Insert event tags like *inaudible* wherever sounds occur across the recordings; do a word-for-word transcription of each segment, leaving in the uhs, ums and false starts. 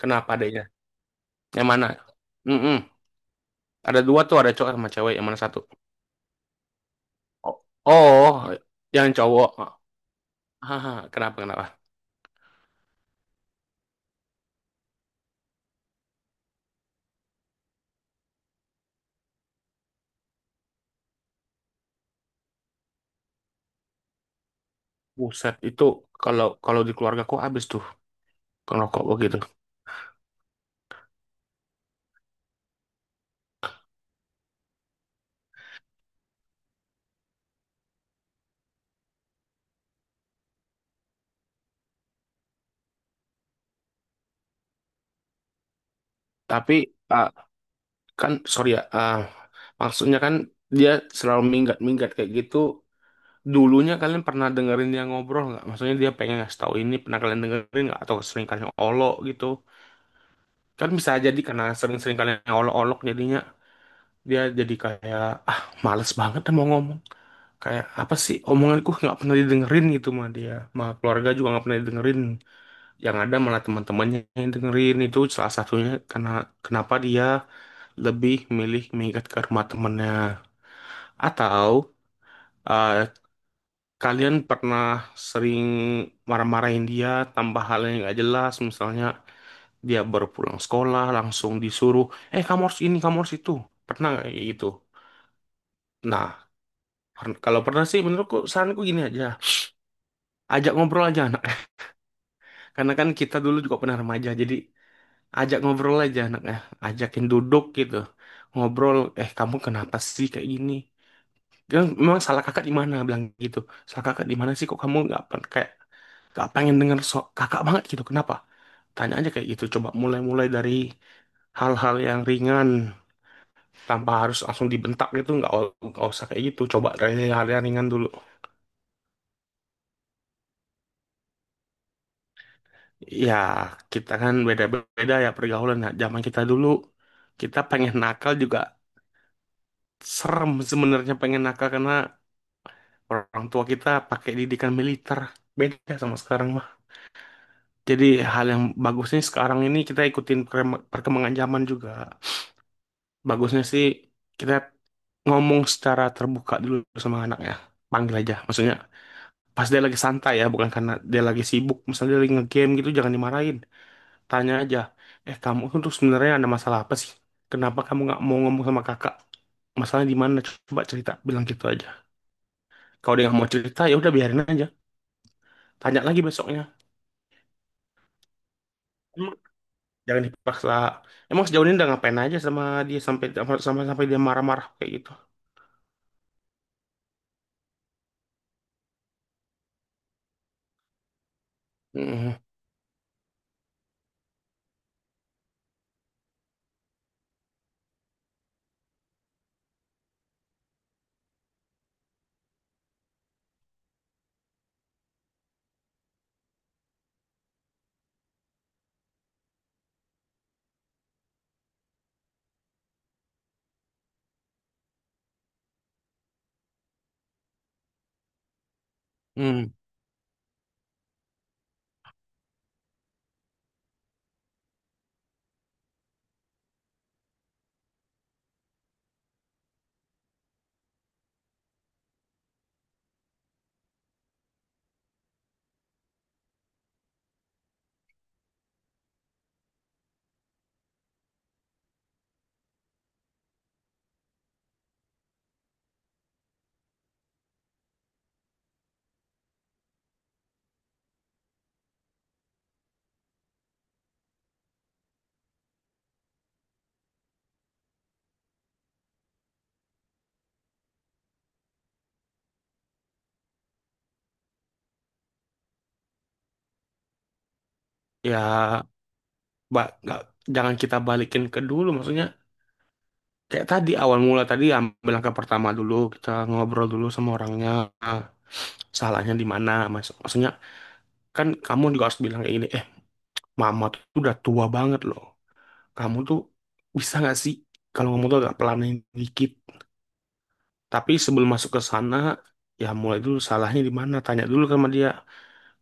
Kenapa adanya? Yang mana? Mm-mm. Ada dua tuh, ada cowok sama cewek. Yang mana satu? Oh, oh yang cowok. Haha, kenapa kenapa? Buset, itu kalau kalau di keluargaku habis tuh ngerokok begitu. Tapi ah, kan sorry ya, ah, maksudnya kan dia selalu minggat-minggat kayak gitu. Dulunya kalian pernah dengerin dia ngobrol nggak? Maksudnya dia pengen ngasih tahu ini pernah kalian dengerin nggak? Atau sering kalian olok gitu? Kan bisa jadi karena sering-sering kalian olok-olok jadinya dia jadi kayak ah males banget dah mau ngomong kayak apa sih omonganku nggak pernah didengerin gitu mah dia mah keluarga juga nggak pernah didengerin yang ada malah teman-temannya yang dengerin itu salah satunya karena kenapa dia lebih milih mengikat ke rumah temennya atau eh, kalian pernah sering marah-marahin dia tambah hal yang nggak jelas misalnya dia baru pulang sekolah langsung disuruh eh kamu harus ini kamu harus itu pernah nggak kayak gitu. Nah, Per- kalau pernah sih menurutku saranku gini aja. Ajak ngobrol aja anaknya. *laughs* Karena kan kita dulu juga pernah remaja. Jadi ajak ngobrol aja anaknya. Ajakin duduk gitu. Ngobrol, eh kamu kenapa sih kayak gini? Dia memang salah kakak di mana? Bilang gitu. Salah kakak di mana sih kok kamu nggak pen- kayak nggak pengen denger so- kakak banget gitu. Kenapa? Tanya aja kayak gitu. Coba mulai-mulai dari hal-hal yang ringan tanpa harus langsung dibentak gitu. Nggak, nggak usah kayak gitu. Coba dari hal yang ringan dulu. Ya, kita kan beda-beda ya pergaulan. Nah, zaman kita dulu, kita pengen nakal juga serem sebenarnya pengen nakal karena orang tua kita pakai didikan militer. Beda sama sekarang mah. Jadi hal yang bagusnya sekarang ini kita ikutin perkema- perkembangan zaman juga. Bagusnya sih kita ngomong secara terbuka dulu sama anak ya. Panggil aja, maksudnya pas dia lagi santai ya, bukan karena dia lagi sibuk. Misalnya dia lagi ngegame gitu, jangan dimarahin. Tanya aja, eh kamu tuh sebenarnya ada masalah apa sih? Kenapa kamu nggak mau ngomong sama kakak? Masalahnya di mana? Coba cerita, bilang gitu aja. Kalau dia nggak mau cerita, ya udah biarin aja. Tanya lagi besoknya. Emang jangan dipaksa. Emang sejauh ini udah ngapain aja sama dia sampai sampai sampai dia marah-marah kayak gitu? Hmm, hmm. Ya, mbak, nggak jangan kita balikin ke dulu. Maksudnya kayak tadi awal mula tadi ambil langkah pertama dulu kita ngobrol dulu sama orangnya salahnya di mana mas maksudnya kan kamu juga harus bilang kayak gini eh mama tuh udah tua banget loh kamu tuh bisa nggak sih kalau ngomong tuh agak pelanin dikit tapi sebelum masuk ke sana ya mulai dulu salahnya di mana tanya dulu sama dia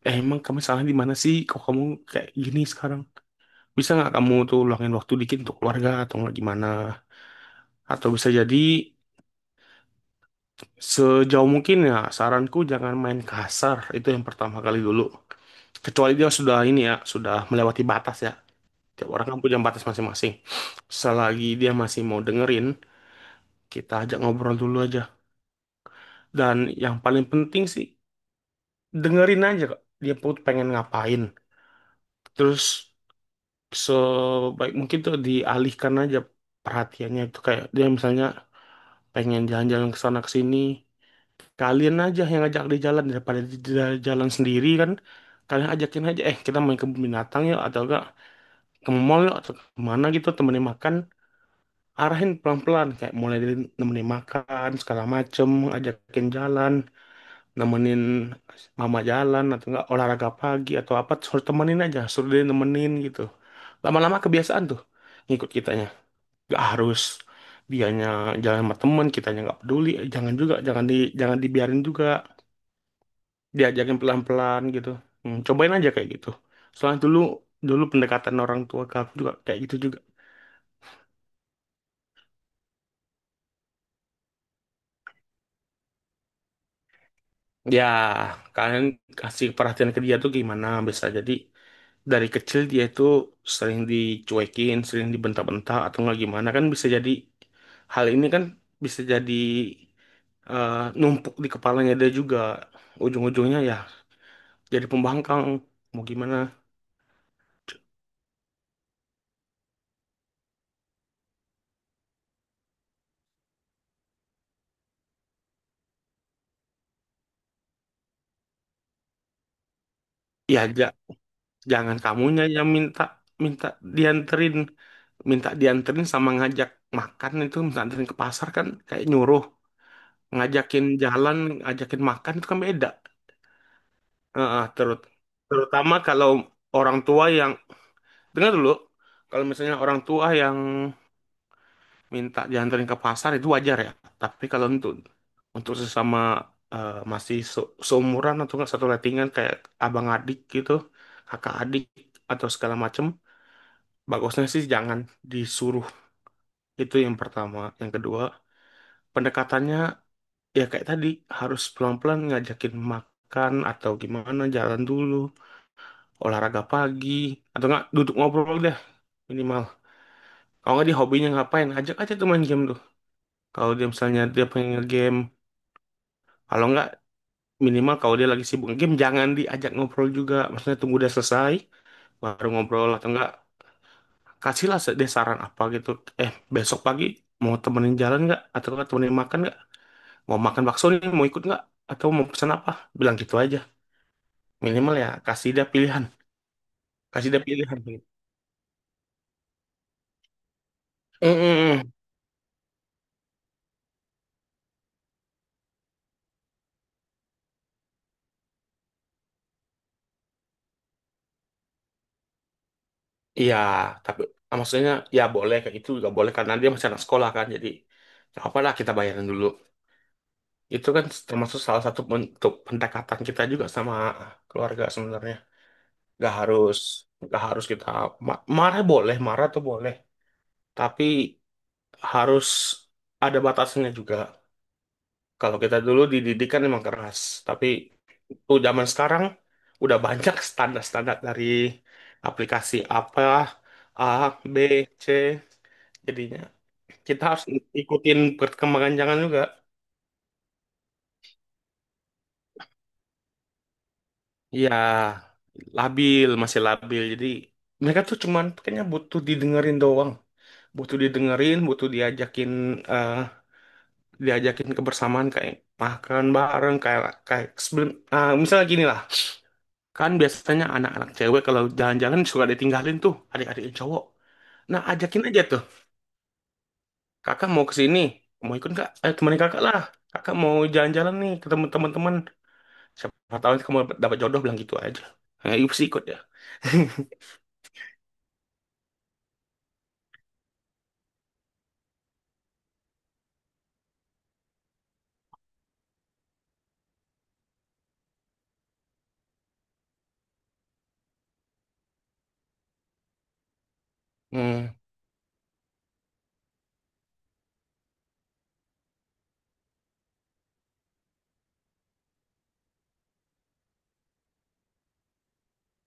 eh emang kamu salahnya di mana sih kok kamu kayak gini sekarang bisa nggak kamu tuh luangin waktu dikit untuk keluarga atau nggak gimana atau bisa jadi sejauh mungkin ya saranku jangan main kasar itu yang pertama kali dulu kecuali dia sudah ini ya sudah melewati batas ya. Tiap orang kan punya batas masing-masing. Selagi dia masih mau dengerin, kita ajak ngobrol dulu aja. Dan yang paling penting sih, dengerin aja kok. Dia pun pengen ngapain. Terus sebaik mungkin tuh dialihkan aja perhatiannya itu kayak dia misalnya pengen jalan-jalan ke sana ke sini. Kalian aja yang ngajak dia jalan daripada dia jalan sendiri kan. Kalian ajakin aja, eh kita main ke binatang yuk atau enggak ke mall yuk atau kemana gitu temenin makan. Arahin pelan-pelan kayak mulai dari nemenin makan segala macem ajakin jalan nemenin mama jalan atau enggak olahraga pagi atau apa suruh temenin aja suruh dia nemenin gitu lama-lama kebiasaan tuh ngikut kitanya gak harus dianya jalan sama temen kitanya nggak peduli jangan juga jangan di jangan dibiarin juga diajakin pelan-pelan gitu. Hmm, cobain aja kayak gitu soalnya dulu dulu pendekatan orang tua ke aku juga kayak gitu. Ya, kalian kasih perhatian ke dia tuh gimana bisa jadi dari kecil dia itu sering dicuekin, sering dibentak-bentak atau nggak gimana kan bisa jadi hal ini kan bisa jadi eh, numpuk di kepalanya dia juga ujung-ujungnya ya jadi pembangkang mau gimana ya ja- jangan kamunya yang minta minta dianterin minta dianterin sama ngajak makan itu minta anterin ke pasar kan kayak nyuruh ngajakin jalan ngajakin makan itu kan beda. Heeh, terut- terutama kalau orang tua yang dengar dulu, kalau misalnya orang tua yang minta dianterin ke pasar itu wajar ya. Tapi kalau untuk untuk sesama eh, masih se- seumuran atau enggak satu lettingan kayak abang adik gitu, kakak adik atau segala macem, bagusnya sih jangan disuruh. Itu yang pertama. Yang kedua, pendekatannya ya kayak tadi harus pelan-pelan ngajakin makan atau gimana jalan dulu olahraga pagi atau enggak duduk ngobrol dah minimal kalau nggak dia hobinya ngapain ajak aja tuh main game tuh kalau dia misalnya dia pengen nge-game kalau nggak minimal kalau dia lagi sibuk game jangan diajak ngobrol juga maksudnya tunggu dia selesai baru ngobrol atau enggak kasihlah se- dia saran apa gitu eh besok pagi mau temenin jalan nggak atau nggak temenin makan nggak mau makan bakso nih mau ikut nggak atau mau pesan apa bilang gitu aja minimal ya kasih dia pilihan kasih dia pilihan Mm-mm. Iya, tapi ah, maksudnya ya boleh kayak itu juga boleh karena dia masih anak sekolah kan. Jadi nggak apa-apa lah kita bayarin dulu. Itu kan termasuk salah satu bentuk pendekatan kita juga sama keluarga sebenarnya. Gak harus gak harus kita ma- marah boleh, marah tuh boleh, tapi harus ada batasnya juga. Kalau kita dulu dididik kan memang keras, tapi tuh zaman sekarang udah banyak standar-standar dari aplikasi apa A, B, C jadinya. Kita harus ikutin perkembangan jangan juga. Ya, labil, masih labil. Jadi mereka tuh cuman kayaknya butuh didengerin doang. Butuh didengerin, butuh diajakin eh diajakin kebersamaan kayak makan bareng kayak kayak sebelum nah, misalnya gini lah. Kan biasanya anak-anak cewek kalau jalan-jalan suka ditinggalin tuh adik-adik yang cowok. Nah, ajakin aja tuh. Kakak mau ke sini, mau ikut nggak? Eh, temenin kakak lah. Kakak mau jalan-jalan nih ketemu teman-teman siapa tahu kamu dapet dapet jodoh bilang gitu aja. Ya, itu pasti ikut ya. *laughs* Hmm,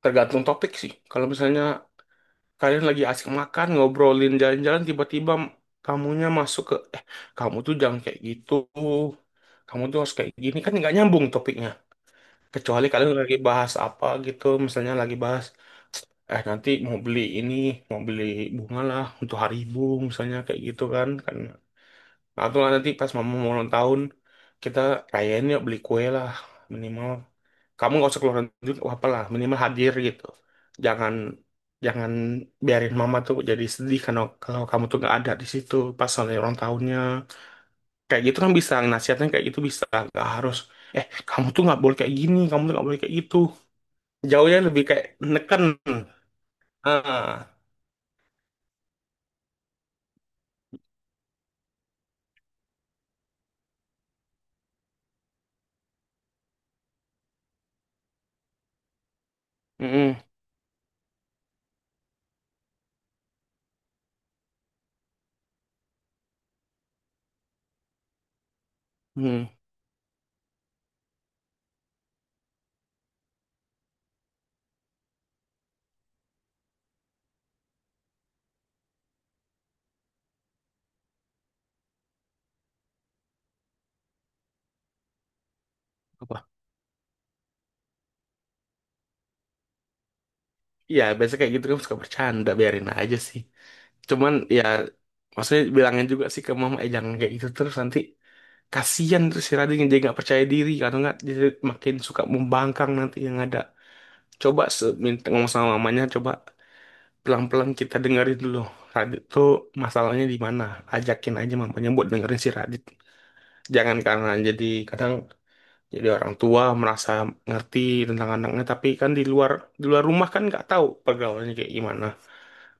tergantung topik sih. Kalau misalnya kalian lagi asik makan, ngobrolin jalan-jalan, tiba-tiba kamunya masuk ke, eh, kamu tuh jangan kayak gitu. Kamu tuh harus kayak gini. Kan nggak nyambung topiknya. Kecuali kalian lagi bahas apa gitu. Misalnya lagi bahas, eh, nanti mau beli ini, mau beli bunga lah untuk hari ibu, misalnya kayak gitu kan. Kan atau nanti pas mama mau ulang tahun, kita rayain yuk beli kue lah minimal. Kamu nggak usah keluarin duit, wah apalah minimal hadir gitu. Jangan jangan biarin mama tuh jadi sedih karena kalau kamu tuh nggak ada di situ pas hari ulang tahunnya. Kayak gitu kan bisa nasihatnya kayak gitu bisa nggak harus. Eh kamu tuh nggak boleh kayak gini, kamu tuh nggak boleh kayak gitu. Jauhnya lebih kayak neken. Ah, mm-mm, mm. Apa? Ya biasanya kayak gitu kan suka bercanda biarin aja sih. Cuman ya maksudnya bilangin juga sih ke mama eh jangan kayak gitu terus nanti kasihan terus si Rading jadi nggak percaya diri kalau nggak jadi makin suka membangkang nanti yang ada. Coba se- minta ngomong sama mamanya coba pelan-pelan kita dengerin dulu. Radit tuh masalahnya di mana? Ajakin aja mamanya buat dengerin si Radit. Jangan karena jadi kadang jadi orang tua merasa ngerti tentang anaknya tapi kan di luar di luar rumah kan nggak tahu pergaulannya kayak gimana,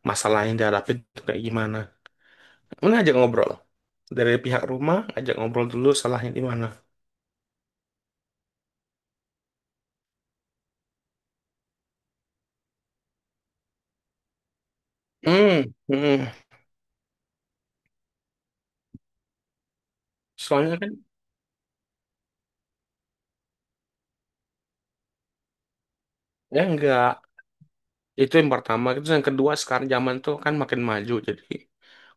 masalah yang dihadapin tuh kayak gimana. Ini ajak ngobrol. Dari pihak rumah, ajak ngobrol dulu salahnya di mana. Hmm, hmm. Soalnya kan, ya enggak. Itu yang pertama. Itu yang kedua, sekarang zaman tuh kan makin maju. Jadi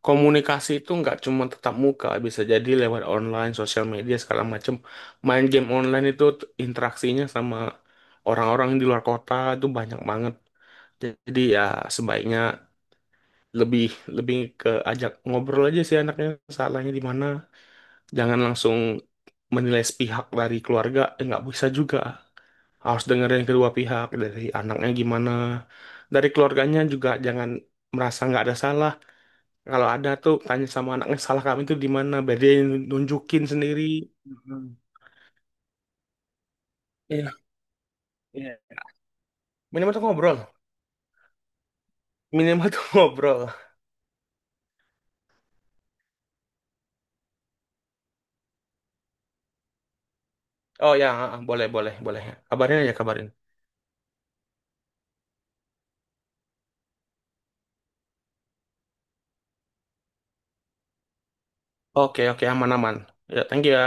komunikasi itu nggak cuma tetap muka. Bisa jadi lewat online, sosial media, segala macam. Main game online itu t- interaksinya sama orang-orang yang di luar kota itu banyak banget. Jadi ya sebaiknya lebih lebih ke ajak ngobrol aja sih anaknya salahnya di mana. Jangan langsung menilai sepihak dari keluarga eh, nggak bisa juga harus dengerin kedua pihak dari anaknya gimana dari keluarganya juga jangan merasa nggak ada salah kalau ada tuh tanya sama anaknya salah kami itu di mana biar dia nunjukin sendiri. Mm. Iya. Iya. Minimal tuh ngobrol minimal tuh *laughs* ngobrol. Oh ya ah, ah, boleh boleh boleh kabarin aja kabarin. Oke oke aman aman ya thank you ya.